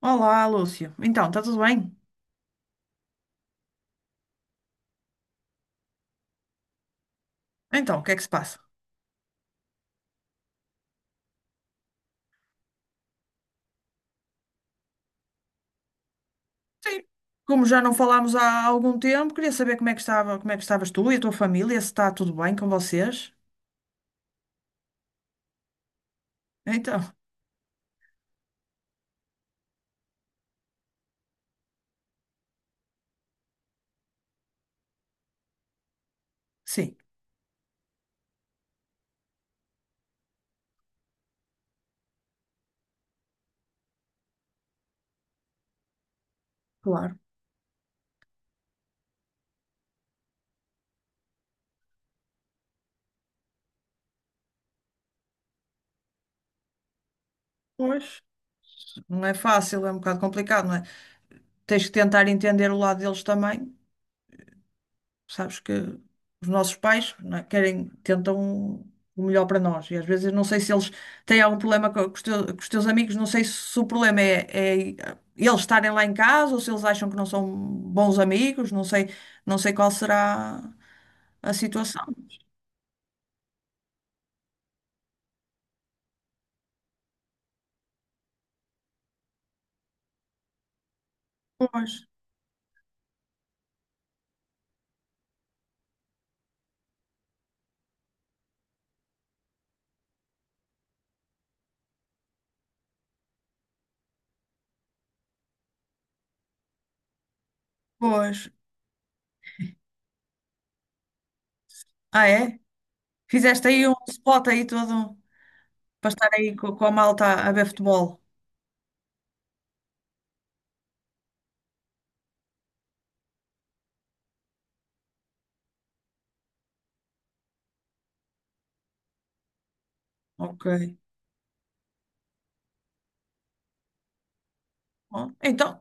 Olá, Lúcio. Então, está tudo bem? Então, o que é que se passa? Sim. Como já não falámos há algum tempo, queria saber como é que estava, como é que estavas tu e a tua família, se está tudo bem com vocês. Então, sim, claro. Pois. Não é fácil, é um bocado complicado, não é? Tens que tentar entender o lado deles também. Sabes que os nossos pais, não é, querem, tentam o melhor para nós. E às vezes não sei se eles têm algum problema com com os teus amigos, não sei se o problema é eles estarem lá em casa ou se eles acham que não são bons amigos, não sei, não sei qual será a situação. Pois, pois. Ah, é? Fizeste aí um spot aí todo para estar aí com a malta a ver futebol. Ok. Bom, então.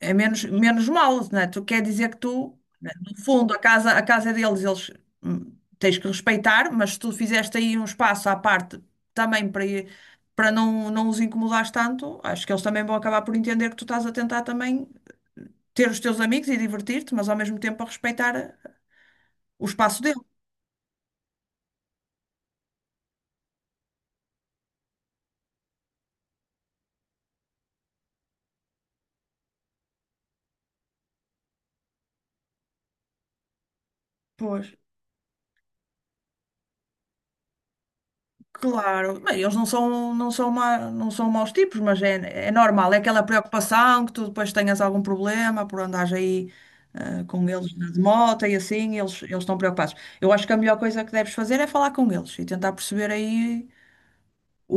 É menos, menos mal, não é? Tu quer dizer que tu, né, no fundo, a casa é deles, eles hum, tens que respeitar, mas se tu fizeste aí um espaço à parte também para não, não os incomodares tanto, acho que eles também vão acabar por entender que tu estás a tentar também ter os teus amigos e divertir-te, mas ao mesmo tempo a respeitar o espaço deles. Pois. Claro, bem, eles não são maus tipos, mas é, é normal, é aquela preocupação que tu depois tenhas algum problema por andares aí com eles de moto e assim, eles estão preocupados. Eu acho que a melhor coisa que deves fazer é falar com eles e tentar perceber aí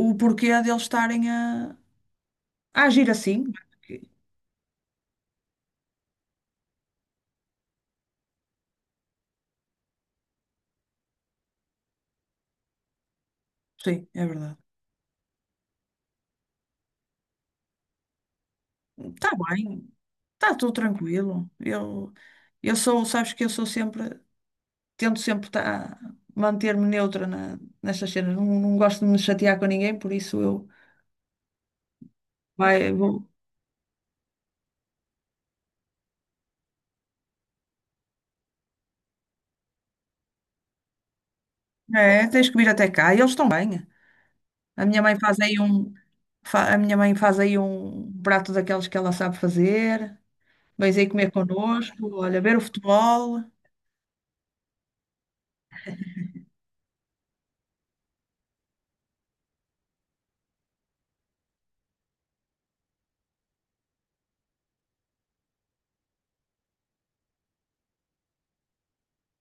o porquê deles estarem a agir assim. Sim, é verdade. Está bem, está tudo tranquilo. Eu sou, sabes que eu sou sempre. Tento sempre tá, manter-me neutra nestas cenas. Não, não gosto de me chatear com ninguém, por isso eu vai, vou. É, tens que vir até cá. E eles estão bem. A minha mãe faz aí um, a minha mãe faz aí um prato daqueles que ela sabe fazer. Vens aí comer connosco, olha, ver o futebol.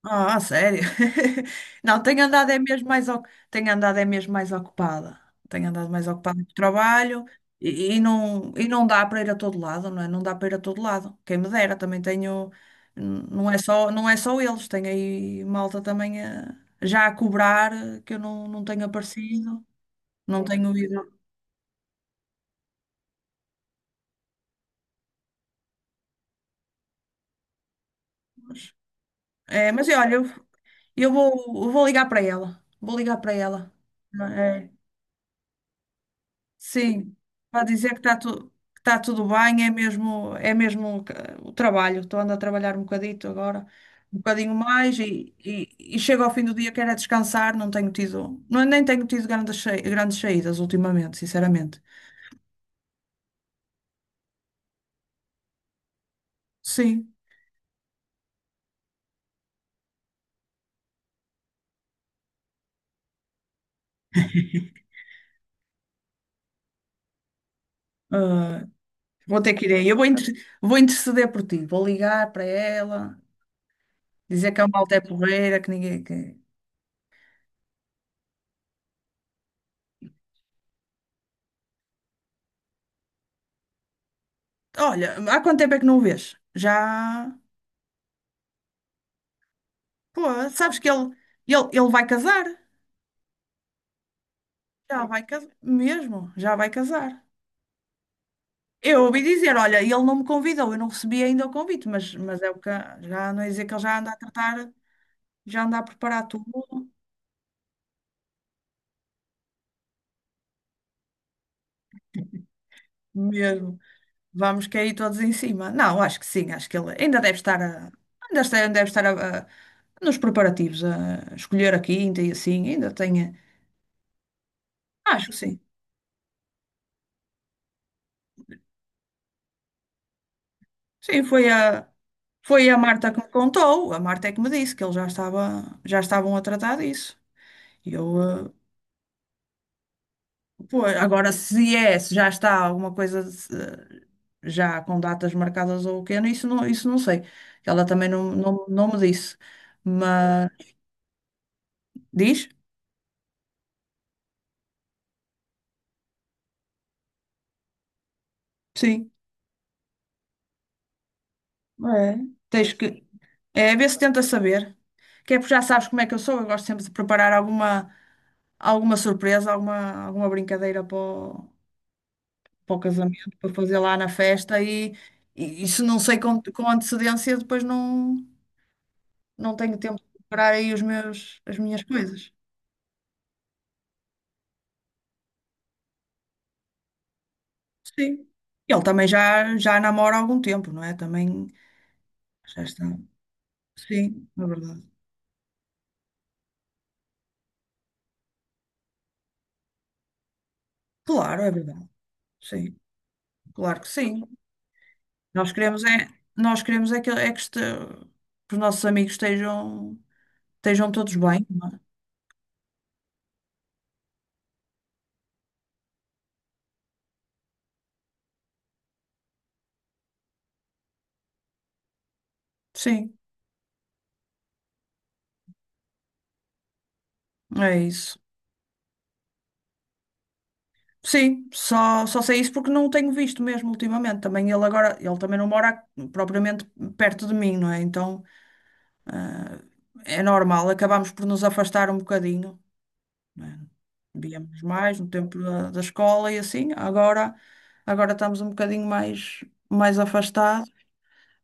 Ah, a sério? Não, tenho andado é mesmo mais ocupada. Tenho andado mais ocupada com o trabalho e, e não dá para ir a todo lado, não é? Não dá para ir a todo lado. Quem me dera, também tenho, não é só, não é só eles, tenho aí malta também a já a cobrar que eu não, não tenho aparecido, não tenho ido. É, mas olha, eu vou ligar para ela. Vou ligar para ela. Sim, para dizer que tá tudo bem, é mesmo o trabalho. Estou andando a trabalhar um bocadito agora, um bocadinho mais, e chego ao fim do dia, quero é descansar, não tenho tido, não, nem tenho tido grandes saídas ultimamente, sinceramente. Sim, ah, vou ter que ir aí. Vou interceder por ti, vou ligar para ela, dizer que a malta é porreira, que ninguém. Que... Olha, há quanto tempo é que não o vês? Já. Pô, sabes que ele vai casar? Já vai casar, mesmo, já vai casar. Eu ouvi dizer, olha, ele não me convidou, eu não recebi ainda o convite, mas é o que já não é dizer que ele já anda a tratar, já anda a preparar tudo mesmo. Vamos cair todos em cima. Não, acho que sim, acho que ele ainda deve estar a, ainda está- ainda deve estar a- nos preparativos, a escolher a quinta e assim, ainda tem. Acho que sim. Sim, foi a Marta que me contou, a Marta é que me disse que já estavam a tratar disso. E eu, pois agora, se é, se já está alguma coisa já com datas marcadas ou o quê, isso não sei. Ela também não me disse. Mas diz? Sim. É. Tens que. É, ver se tenta saber. Que é porque já sabes como é que eu sou. Eu gosto sempre de preparar alguma surpresa, alguma brincadeira para o, para o casamento, para fazer lá na festa. E se não sei com antecedência, depois não, não tenho tempo de preparar aí os meus, as minhas coisas. Sim. Ele também já, já namora há algum tempo, não é? Também já está. Sim, é verdade. Claro, é verdade. Sim, claro que sim. Nós queremos é, nós queremos é que, este- que os nossos amigos estejam, estejam todos bem, não é? Sim, é isso. Sim, só, só sei isso porque não o tenho visto mesmo ultimamente. Também ele agora, ele também não mora propriamente perto de mim, não é? Então eh, é normal, acabamos por nos afastar um bocadinho. Né? Víamos mais no tempo da, da escola e assim. Agora, agora estamos um bocadinho mais, mais afastados.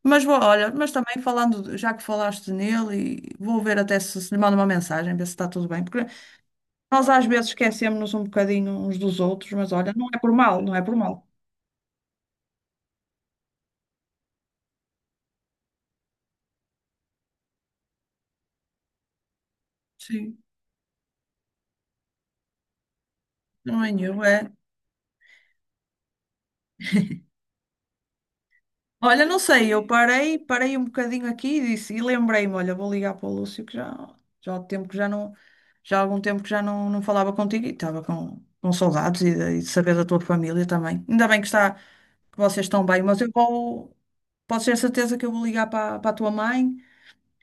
Mas vou, olha, mas também falando, já que falaste nele, e vou ver até se, se lhe mando uma mensagem, ver se está tudo bem. Porque nós às vezes esquecemos-nos um bocadinho uns dos outros, mas olha, não é por mal, não é por mal. Sim, não é nenhum, é. Olha, não sei, eu parei, parei um bocadinho aqui e disse, e lembrei-me, olha, vou ligar para o Lúcio que já, já há tempo que já não, já há algum tempo que já não, não falava contigo e estava com saudades e de saber da tua família também. Ainda bem que está, que vocês estão bem, mas eu vou, posso ter certeza que eu vou ligar para, para a tua mãe,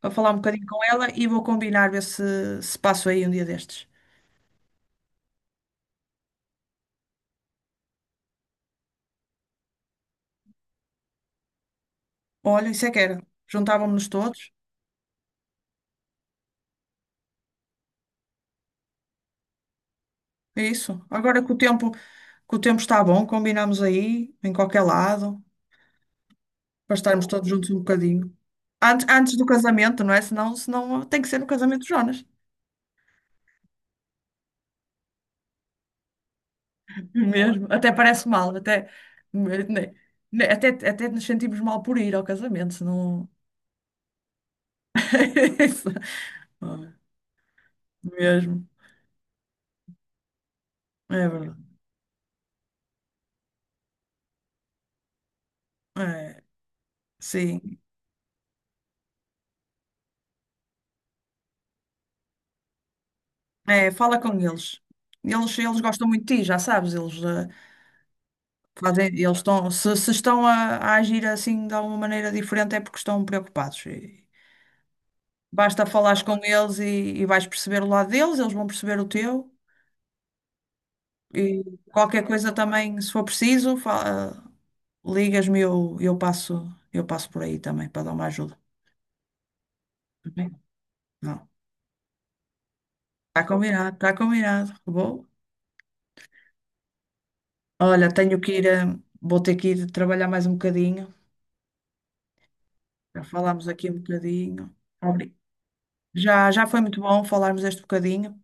a falar um bocadinho com ela e vou combinar ver se, se passo aí um dia destes. Olha, isso é que era. Juntávamos-nos todos. É isso. Agora que o tempo está bom, combinamos aí, em qualquer lado. Para estarmos todos juntos um bocadinho. Antes, antes do casamento, não é? Senão, senão tem que ser no casamento de Jonas. Mesmo. Até parece mal, até, ne- até, até nos sentimos mal por ir ao casamento, senão. Isso. Mesmo. É verdade. É, sim. É, fala com eles. Eles gostam muito de ti, já sabes. Eles, fazem, eles estão, se estão a agir assim de alguma maneira diferente é porque estão preocupados. E- Basta falares com eles e vais perceber o lado deles, eles vão perceber o teu. E qualquer coisa também, se for preciso, ligas-me eu passo por aí também para dar uma ajuda. Tá bem? Não. Está combinado, está combinado. Vou. Olha, tenho que ir, vou ter que ir trabalhar mais um bocadinho. Já falámos aqui um bocadinho. Obri- Já, já foi muito bom falarmos este bocadinho.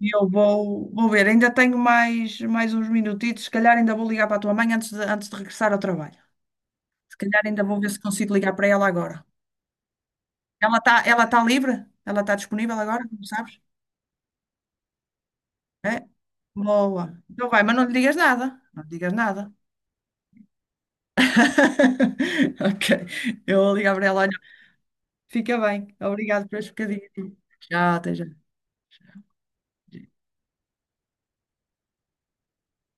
E eu vou, vou ver, ainda tenho mais, mais uns minutitos, se calhar ainda vou ligar para a tua mãe antes de regressar ao trabalho. Se calhar ainda vou ver se consigo ligar para ela agora. Ela está, ela tá livre? Ela está disponível agora? Não sabes? É? Boa. Então vai, mas não lhe digas nada. Não lhe digas nada. Ok. Eu vou ligar para ela. Olha, fica bem. Obrigado pelas bocadinhas. Tchau, até já.